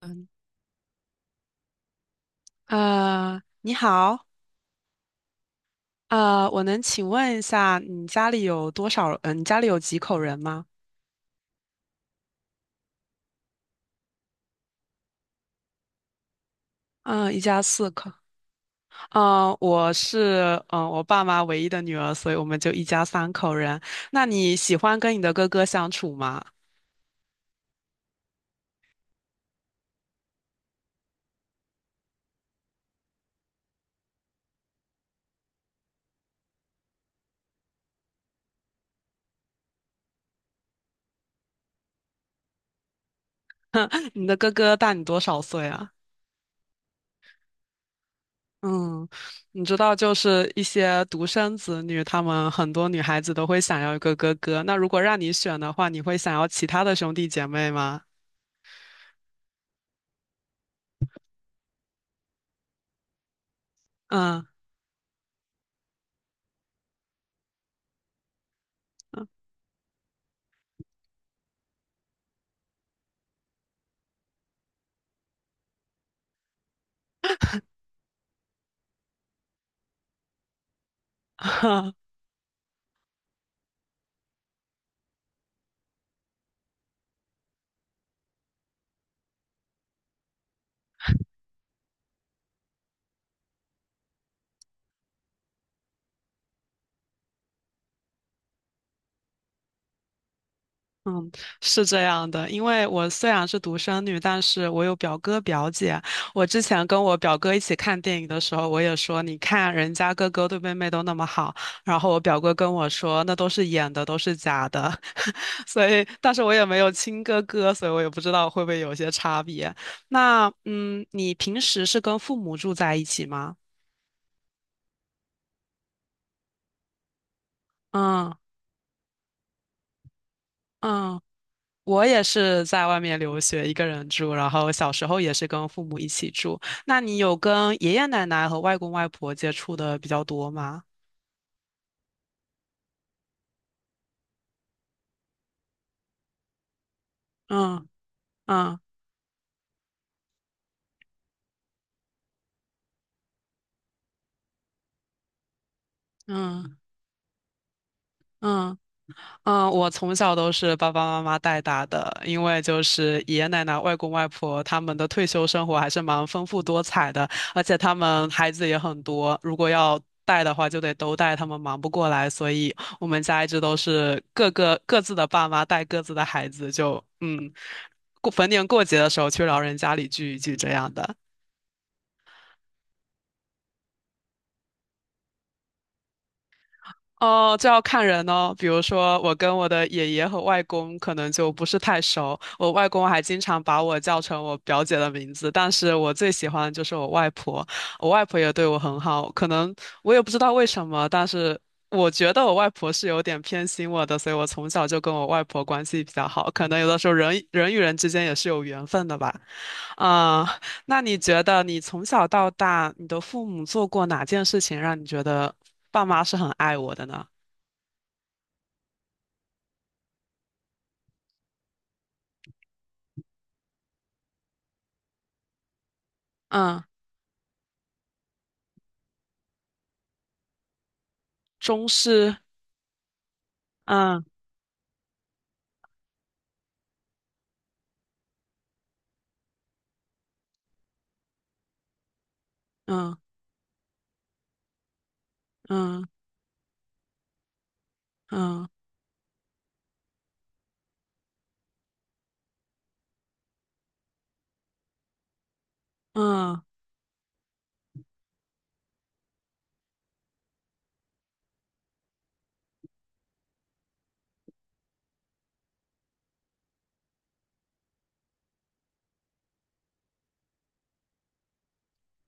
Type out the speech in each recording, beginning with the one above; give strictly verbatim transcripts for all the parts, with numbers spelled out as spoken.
嗯，啊，你好，啊，我能请问一下，你家里有多少？嗯、呃你家里有几口人吗？嗯、一家四口。嗯、我是嗯、呃我爸妈唯一的女儿，所以我们就一家三口人。那你喜欢跟你的哥哥相处吗？你的哥哥大你多少岁啊？嗯，你知道，就是一些独生子女，他们很多女孩子都会想要一个哥哥。那如果让你选的话，你会想要其他的兄弟姐妹吗？嗯。嗯，是这样的，因为我虽然是独生女，但是我有表哥表姐。我之前跟我表哥一起看电影的时候，我也说，你看人家哥哥对妹妹都那么好，然后我表哥跟我说，那都是演的，都是假的。所以，但是我也没有亲哥哥，所以我也不知道会不会有些差别。那，嗯，你平时是跟父母住在一起吗？嗯嗯。我也是在外面留学，一个人住，然后小时候也是跟父母一起住。那你有跟爷爷奶奶和外公外婆接触的比较多吗？嗯嗯嗯嗯嗯，我从小都是爸爸妈妈带大的，因为就是爷爷奶奶、外公外婆他们的退休生活还是蛮丰富多彩的，而且他们孩子也很多，如果要带的话就得都带，他们忙不过来，所以我们家一直都是各个各自的爸妈带各自的孩子，就嗯，过逢年过节的时候去老人家里聚一聚这样的。哦，这要看人哦。比如说，我跟我的爷爷和外公可能就不是太熟。我外公还经常把我叫成我表姐的名字，但是我最喜欢的就是我外婆。我外婆也对我很好，可能我也不知道为什么，但是我觉得我外婆是有点偏心我的，所以我从小就跟我外婆关系比较好。可能有的时候人人与人之间也是有缘分的吧。啊、那你觉得你从小到大，你的父母做过哪件事情让你觉得爸妈是很爱我的呢？嗯，中式，嗯嗯嗯嗯嗯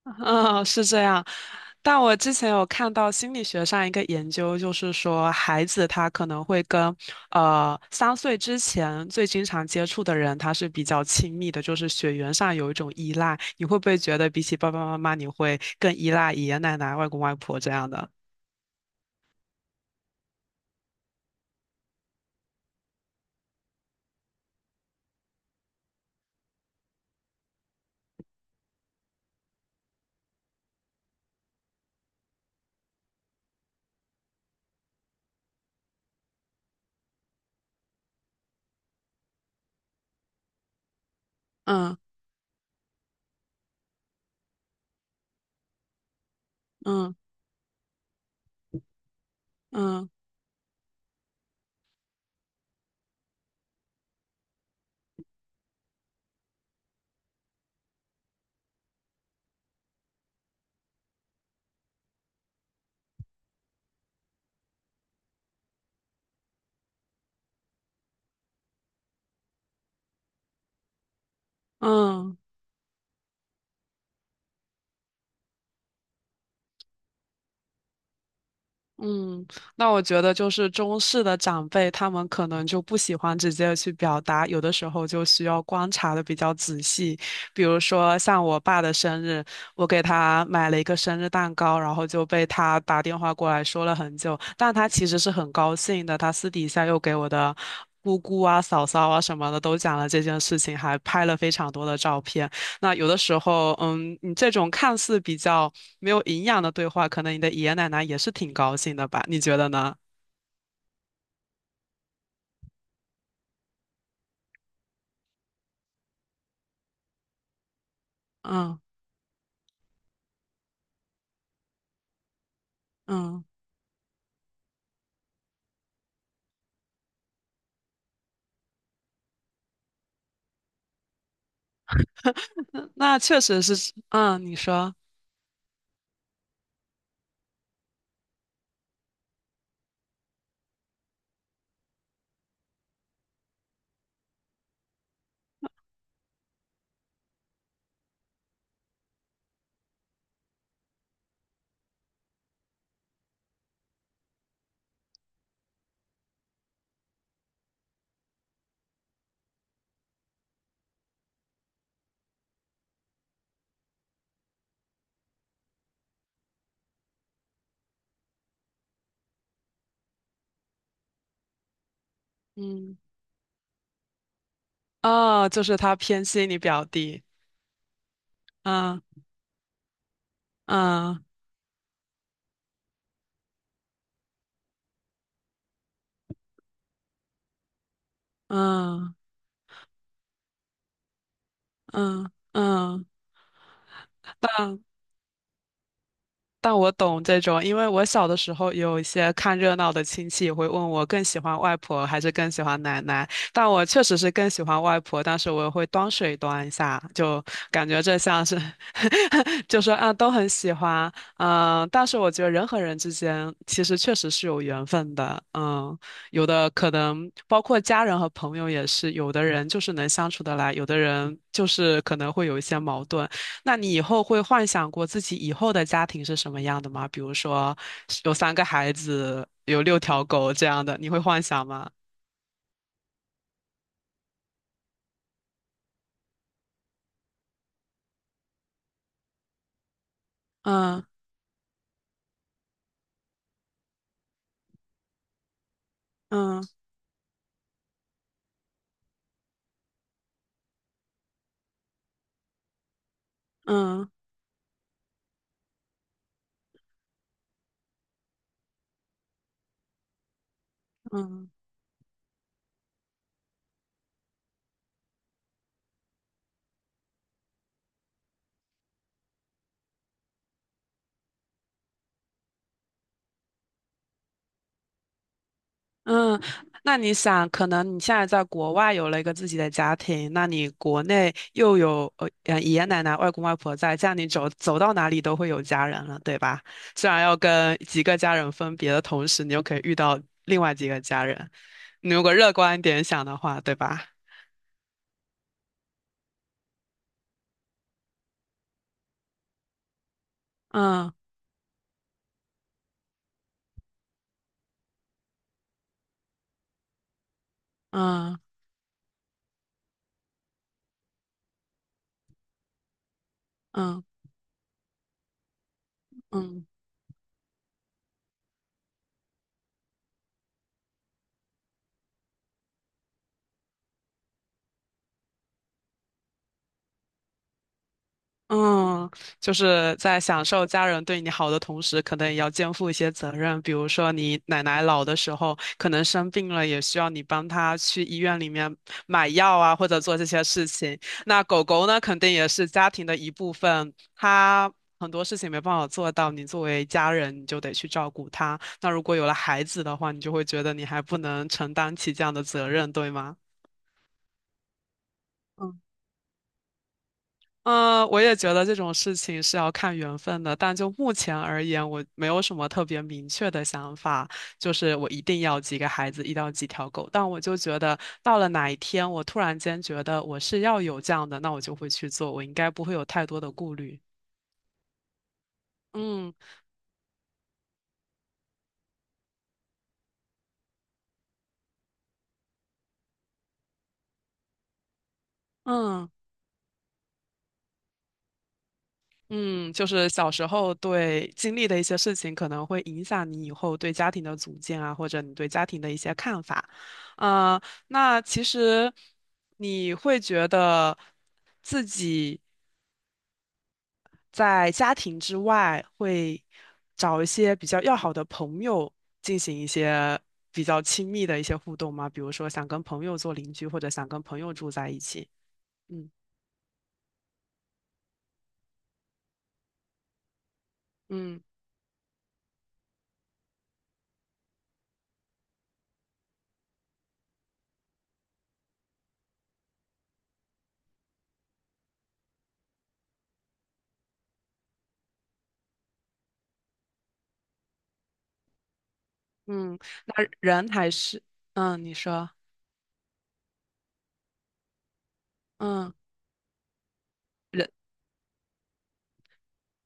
嗯，哦是这样。但我之前有看到心理学上一个研究，就是说孩子他可能会跟呃三岁之前最经常接触的人，他是比较亲密的，就是血缘上有一种依赖。你会不会觉得比起爸爸妈妈，你会更依赖爷爷奶奶、外公外婆这样的？嗯嗯嗯嗯嗯，那我觉得就是中式的长辈，他们可能就不喜欢直接去表达，有的时候就需要观察的比较仔细。比如说像我爸的生日，我给他买了一个生日蛋糕，然后就被他打电话过来说了很久，但他其实是很高兴的，他私底下又给我的。姑姑啊、嫂嫂啊什么的都讲了这件事情，还拍了非常多的照片。那有的时候，嗯，你这种看似比较没有营养的对话，可能你的爷爷奶奶也是挺高兴的吧？你觉得呢？嗯嗯，那那确实是，嗯，你说，嗯，哦，就是他偏心你表弟，嗯嗯嗯嗯嗯嗯，但我懂这种，因为我小的时候有一些看热闹的亲戚也会问我更喜欢外婆还是更喜欢奶奶，但我确实是更喜欢外婆，但是我会端水端一下，就感觉这像是 就说啊都很喜欢，嗯，但是我觉得人和人之间其实确实是有缘分的，嗯，有的可能包括家人和朋友也是，有的人就是能相处得来，有的人就是可能会有一些矛盾。那你以后会幻想过自己以后的家庭是什么样的吗？比如说有三个孩子，有六条狗这样的，你会幻想吗？嗯嗯嗯嗯嗯。那你想，可能你现在在国外有了一个自己的家庭，那你国内又有呃呃爷爷奶奶、外公外婆在，这样你走走到哪里都会有家人了，对吧？虽然要跟几个家人分别的同时，你又可以遇到另外几个家人，你如果乐观一点想的话，对吧？嗯。嗯嗯嗯嗯，就是在享受家人对你好的同时，可能也要肩负一些责任。比如说，你奶奶老的时候，可能生病了，也需要你帮她去医院里面买药啊，或者做这些事情。那狗狗呢，肯定也是家庭的一部分，它很多事情没办法做到，你作为家人，你就得去照顾它。那如果有了孩子的话，你就会觉得你还不能承担起这样的责任，对吗？嗯。嗯，我也觉得这种事情是要看缘分的，但就目前而言，我没有什么特别明确的想法，就是我一定要几个孩子，一到几条狗。但我就觉得，到了哪一天，我突然间觉得我是要有这样的，那我就会去做，我应该不会有太多的顾虑。嗯嗯。嗯，就是小时候对经历的一些事情，可能会影响你以后对家庭的组建啊，或者你对家庭的一些看法。呃，那其实你会觉得自己在家庭之外，会找一些比较要好的朋友进行一些比较亲密的一些互动吗？比如说想跟朋友做邻居，或者想跟朋友住在一起。嗯嗯嗯，那人还是嗯，你说嗯。人。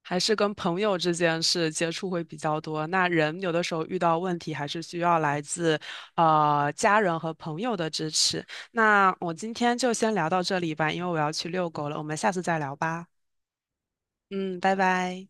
还是跟朋友之间是接触会比较多。那人有的时候遇到问题，还是需要来自呃家人和朋友的支持。那我今天就先聊到这里吧，因为我要去遛狗了。我们下次再聊吧。嗯，拜拜。